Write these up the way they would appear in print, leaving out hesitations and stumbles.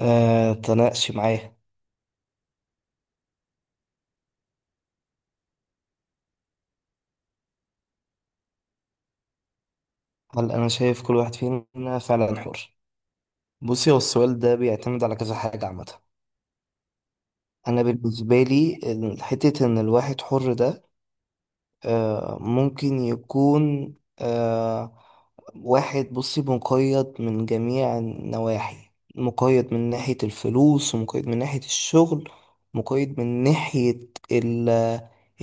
آه، تناقشي معايا. هل أنا شايف كل واحد فينا فعلا حر؟ بصي، هو السؤال ده بيعتمد على كذا حاجة عامة. أنا بالنسبة لي حتة إن الواحد حر ده ممكن يكون واحد، بصي، مقيد من جميع النواحي. مقيد من ناحية الفلوس، ومقيد من ناحية الشغل، مقيد من ناحية ال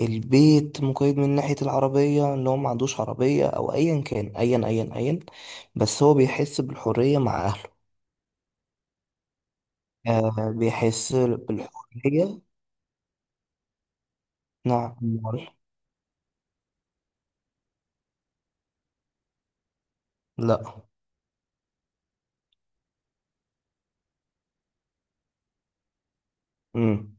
البيت، مقيد من ناحية العربية اللي هو ما عندوش عربية، أو أيا كان أيا أيا أيا بس هو بيحس بالحرية مع أهله. آه، بيحس بالحرية. نعم، أمال؟ لا. امم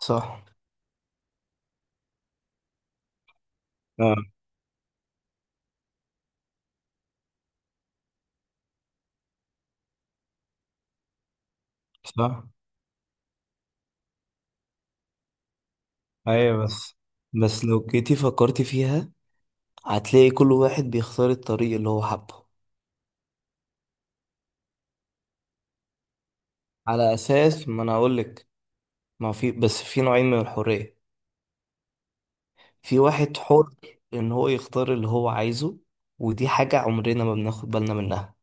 صح. آه، صح. أيوة، بس بس لو جيتي فكرتي فيها هتلاقي كل واحد بيختار الطريق اللي هو حبه. على اساس ما انا اقول لك. ما في، بس في نوعين من الحرية. في واحد حر ان هو يختار اللي هو عايزه، ودي حاجة عمرنا ما بناخد بالنا منها.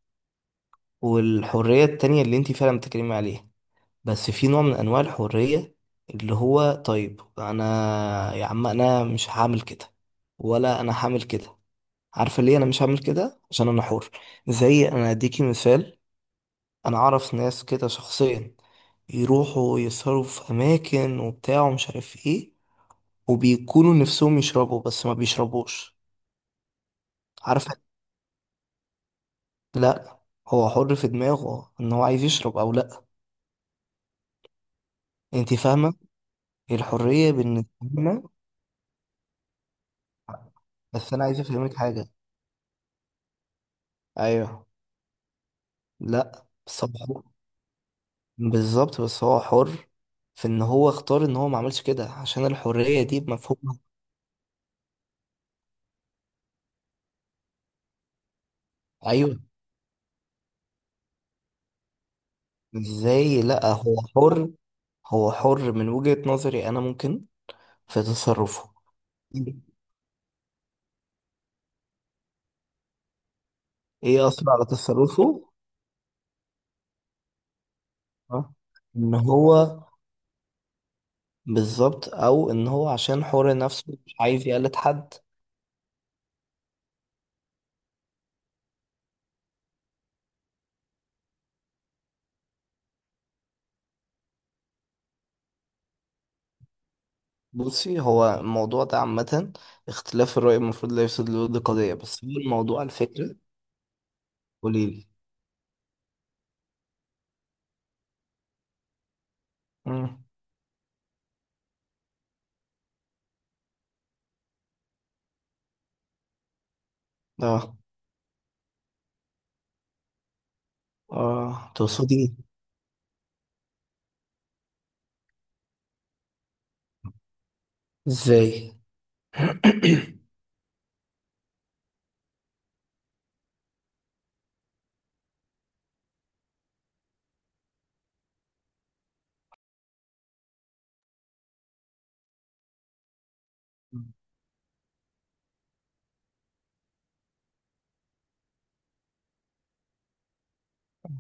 والحرية التانية اللي انت فعلا بتتكلمي عليها، بس في نوع من انواع الحرية اللي هو طيب، انا يا عم انا مش هعمل كده، ولا انا هعمل كده. عارفة ليه انا مش هعمل كده؟ عشان انا حر. زي انا هديكي مثال، انا اعرف ناس كده شخصيا، يروحوا يسهروا في اماكن وبتاع ومش عارف ايه، وبيكونوا نفسهم يشربوا بس ما بيشربوش. عارف؟ لا، هو حر في دماغه ان هو عايز يشرب او لا. انت فاهمه؟ الحريه بالنسبه لنا. بس انا عايز افهمك حاجه. ايوه. لا، بس هو حر. بالظبط، بس هو حر في ان هو اختار ان هو ما عملش كده، عشان الحريه دي بمفهومها. ايوه، ازاي؟ لا، هو حر. هو حر من وجهة نظري، انا ممكن، في تصرفه. ايه اثر على تصرفه؟ آه. ان هو، بالظبط، او ان هو عشان حر نفسه مش عايز يقلد حد. بصي، هو الموضوع ده عامة اختلاف الرأي، المفروض لا يفسد للود قضية. بس هو الموضوع الفكرة. قوليلي. مم. اه. اه، تقصدي؟ ازاي؟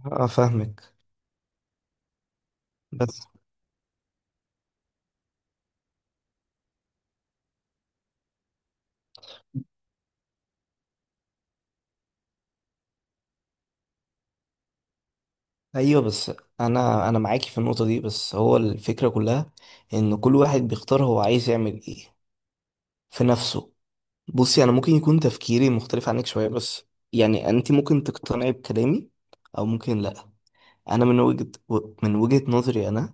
اه، فاهمك بس. ايوه، بس انا معاكي في النقطة دي، بس هو الفكرة كلها ان كل واحد بيختار هو عايز يعمل ايه في نفسه. بصي، انا ممكن يكون تفكيري مختلف عنك شويه، بس يعني انت ممكن تقتنعي بكلامي او ممكن لا. انا من وجهه من وجهه نظري انا،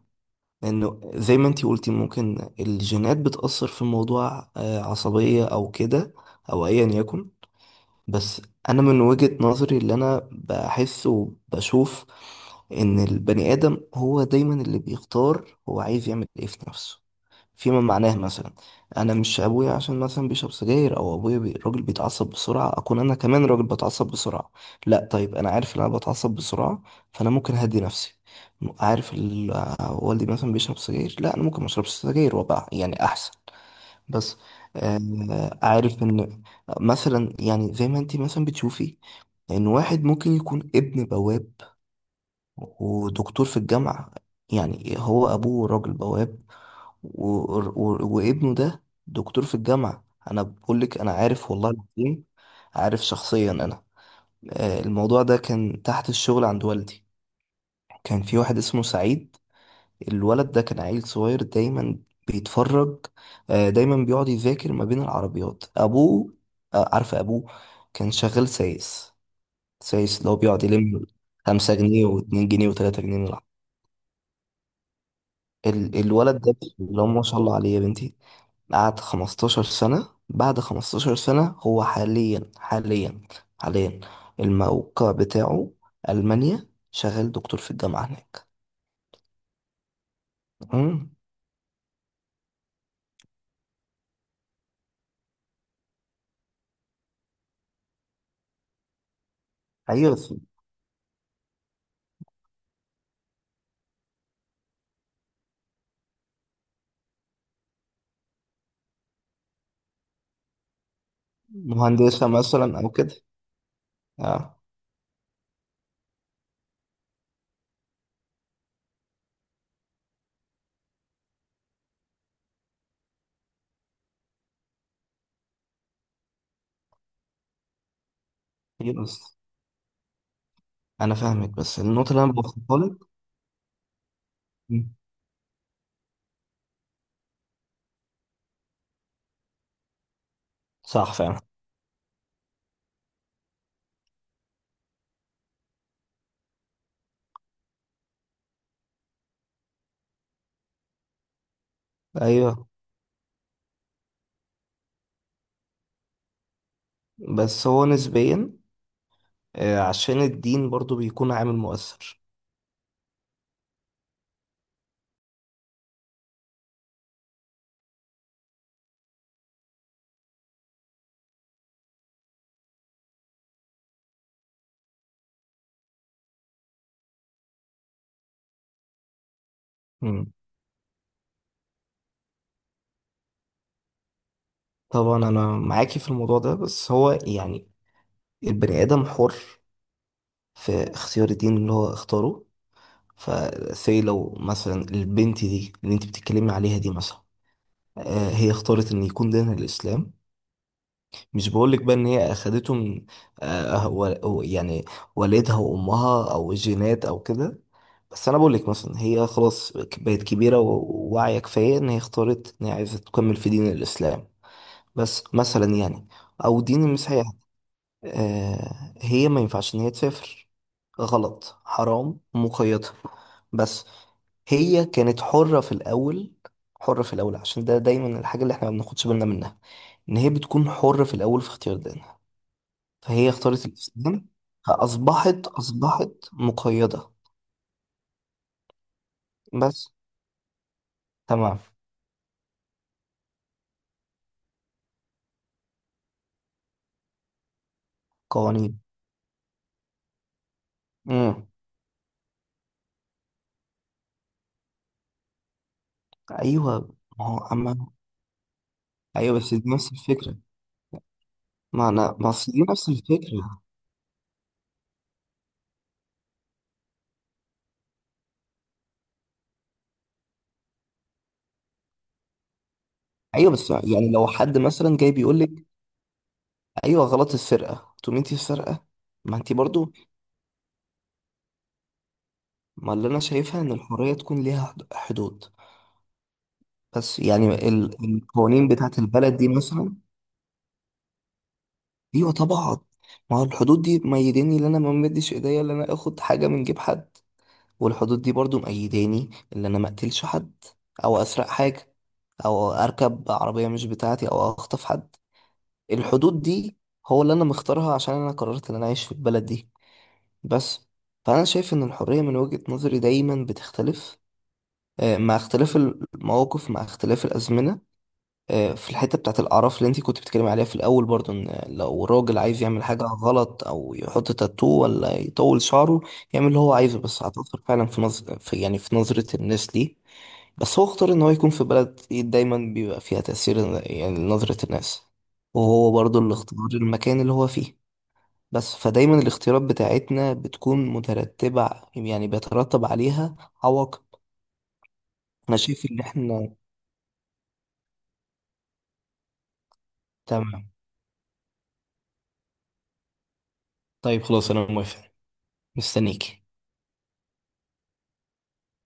انه زي ما انت قلتي، ممكن الجينات بتاثر في موضوع عصبيه او كده، او ايا يكن. بس انا من وجهة نظري اللي انا بحس وبشوف، ان البني ادم هو دايما اللي بيختار هو عايز يعمل ايه في نفسه. فيما معناه، مثلا انا مش ابويا، عشان مثلا بيشرب سجاير او ابويا راجل بيتعصب بسرعه، اكون انا كمان راجل بتعصب بسرعه. لا، طيب، انا عارف ان انا بتعصب بسرعه، فانا ممكن اهدي نفسي. عارف والدي مثلا بيشرب سجاير، لا انا ممكن ما اشربش سجاير وابقى يعني احسن. بس عارف ان، مثلا يعني، زي ما انت مثلا بتشوفي ان واحد ممكن يكون ابن بواب ودكتور في الجامعة. يعني هو ابوه راجل بواب، و... وابنه ده دكتور في الجامعة. انا بقول لك، انا عارف والله العظيم، عارف شخصيا انا. الموضوع ده كان تحت الشغل عند والدي. كان في واحد اسمه سعيد. الولد ده كان عيل صغير دايما بيتفرج. دايما بيقعد يذاكر ما بين العربيات ابوه. عارفه ابوه كان شغال سايس. سايس اللي هو بيقعد يلم خمسة جنيه واتنين جنيه وتلاتة جنيه من الولد ده اللي هو ما شاء الله عليه يا بنتي، قعد 15 سنة. بعد 15 سنة هو حاليا، الموقع بتاعه ألمانيا، شغال دكتور في الجامعة هناك. مم. أيوة، مهندسة مثلا أو كده. اه. ايه، بس انا فاهمك، بس النقطه اللي انا بوصلها لك. مم. صح فعلا. ايوه، بس هو نسبيا عشان الدين برضو بيكون عامل مؤثر. مم. طبعا، انا معاكي في الموضوع ده، بس هو يعني البني ادم حر في اختيار الدين اللي هو اختاره. فسي لو مثلا البنت دي اللي انت بتتكلمي عليها دي مثلا هي اختارت ان يكون دينها الاسلام. مش بقولك بقى ان هي اخدته من يعني والدها وامها او الجينات او كده. بس انا بقولك مثلا، هي خلاص بقت كبيره وواعيه كفايه ان هي اختارت ان هي عايزه تكمل في دين الاسلام. بس مثلا يعني، او دين المسيح. هي ما ينفعش ان هي تسافر، غلط، حرام، مقيدة. بس هي كانت حرة في الأول. حرة في الأول، عشان ده دايما الحاجة اللي احنا ما بناخدش بالنا منها، إن هي بتكون حرة في الأول في اختيار دينها. فهي اختارت الإسلام، فأصبحت مقيدة. بس. تمام. قوانين. امم أيوه. ما هو أما أيوه، بس دي نفس الفكرة. ما أنا ما أصل دي نفس الفكرة. أيوه، بس يعني لو حد مثلا جاي بيقول لك أيوه غلط، السرقة تقومي أنت السرقة. ما أنت برضو. ما اللي أنا شايفها إن الحرية تكون ليها حدود. بس يعني القوانين بتاعت البلد دي مثلا. أيوه، طبعا. ما هو الحدود دي ميداني اللي أنا ما مديش إيديا، اللي أنا آخد حاجة من جيب حد. والحدود دي برضو مأيداني ان انا ما اقتلش حد، او اسرق حاجة، او اركب عربية مش بتاعتي، او اخطف حد. الحدود دي هو اللي انا مختارها، عشان انا قررت ان انا اعيش في البلد دي. بس. فانا شايف ان الحرية من وجهة نظري دايما بتختلف مع اختلاف المواقف، مع اختلاف الأزمنة. في الحتة بتاعت الأعراف اللي انتي كنت بتتكلمي عليها في الأول، برضو إن لو راجل عايز يعمل حاجة غلط أو يحط تاتو ولا يطول شعره، يعمل اللي هو عايزه، بس هتأثر فعلا في نظر في يعني في نظرة الناس ليه. بس هو اختار إن هو يكون في بلد إيه دايما بيبقى فيها تأثير، يعني نظرة الناس. وهو برضو اللي اختار المكان اللي هو فيه. بس فدايما الاختيارات بتاعتنا بتكون مترتبة. يعني بيترتب عليها عواقب. أنا شايف إن إحنا. تمام. طيب، خلاص، أنا موافق. مستنيك.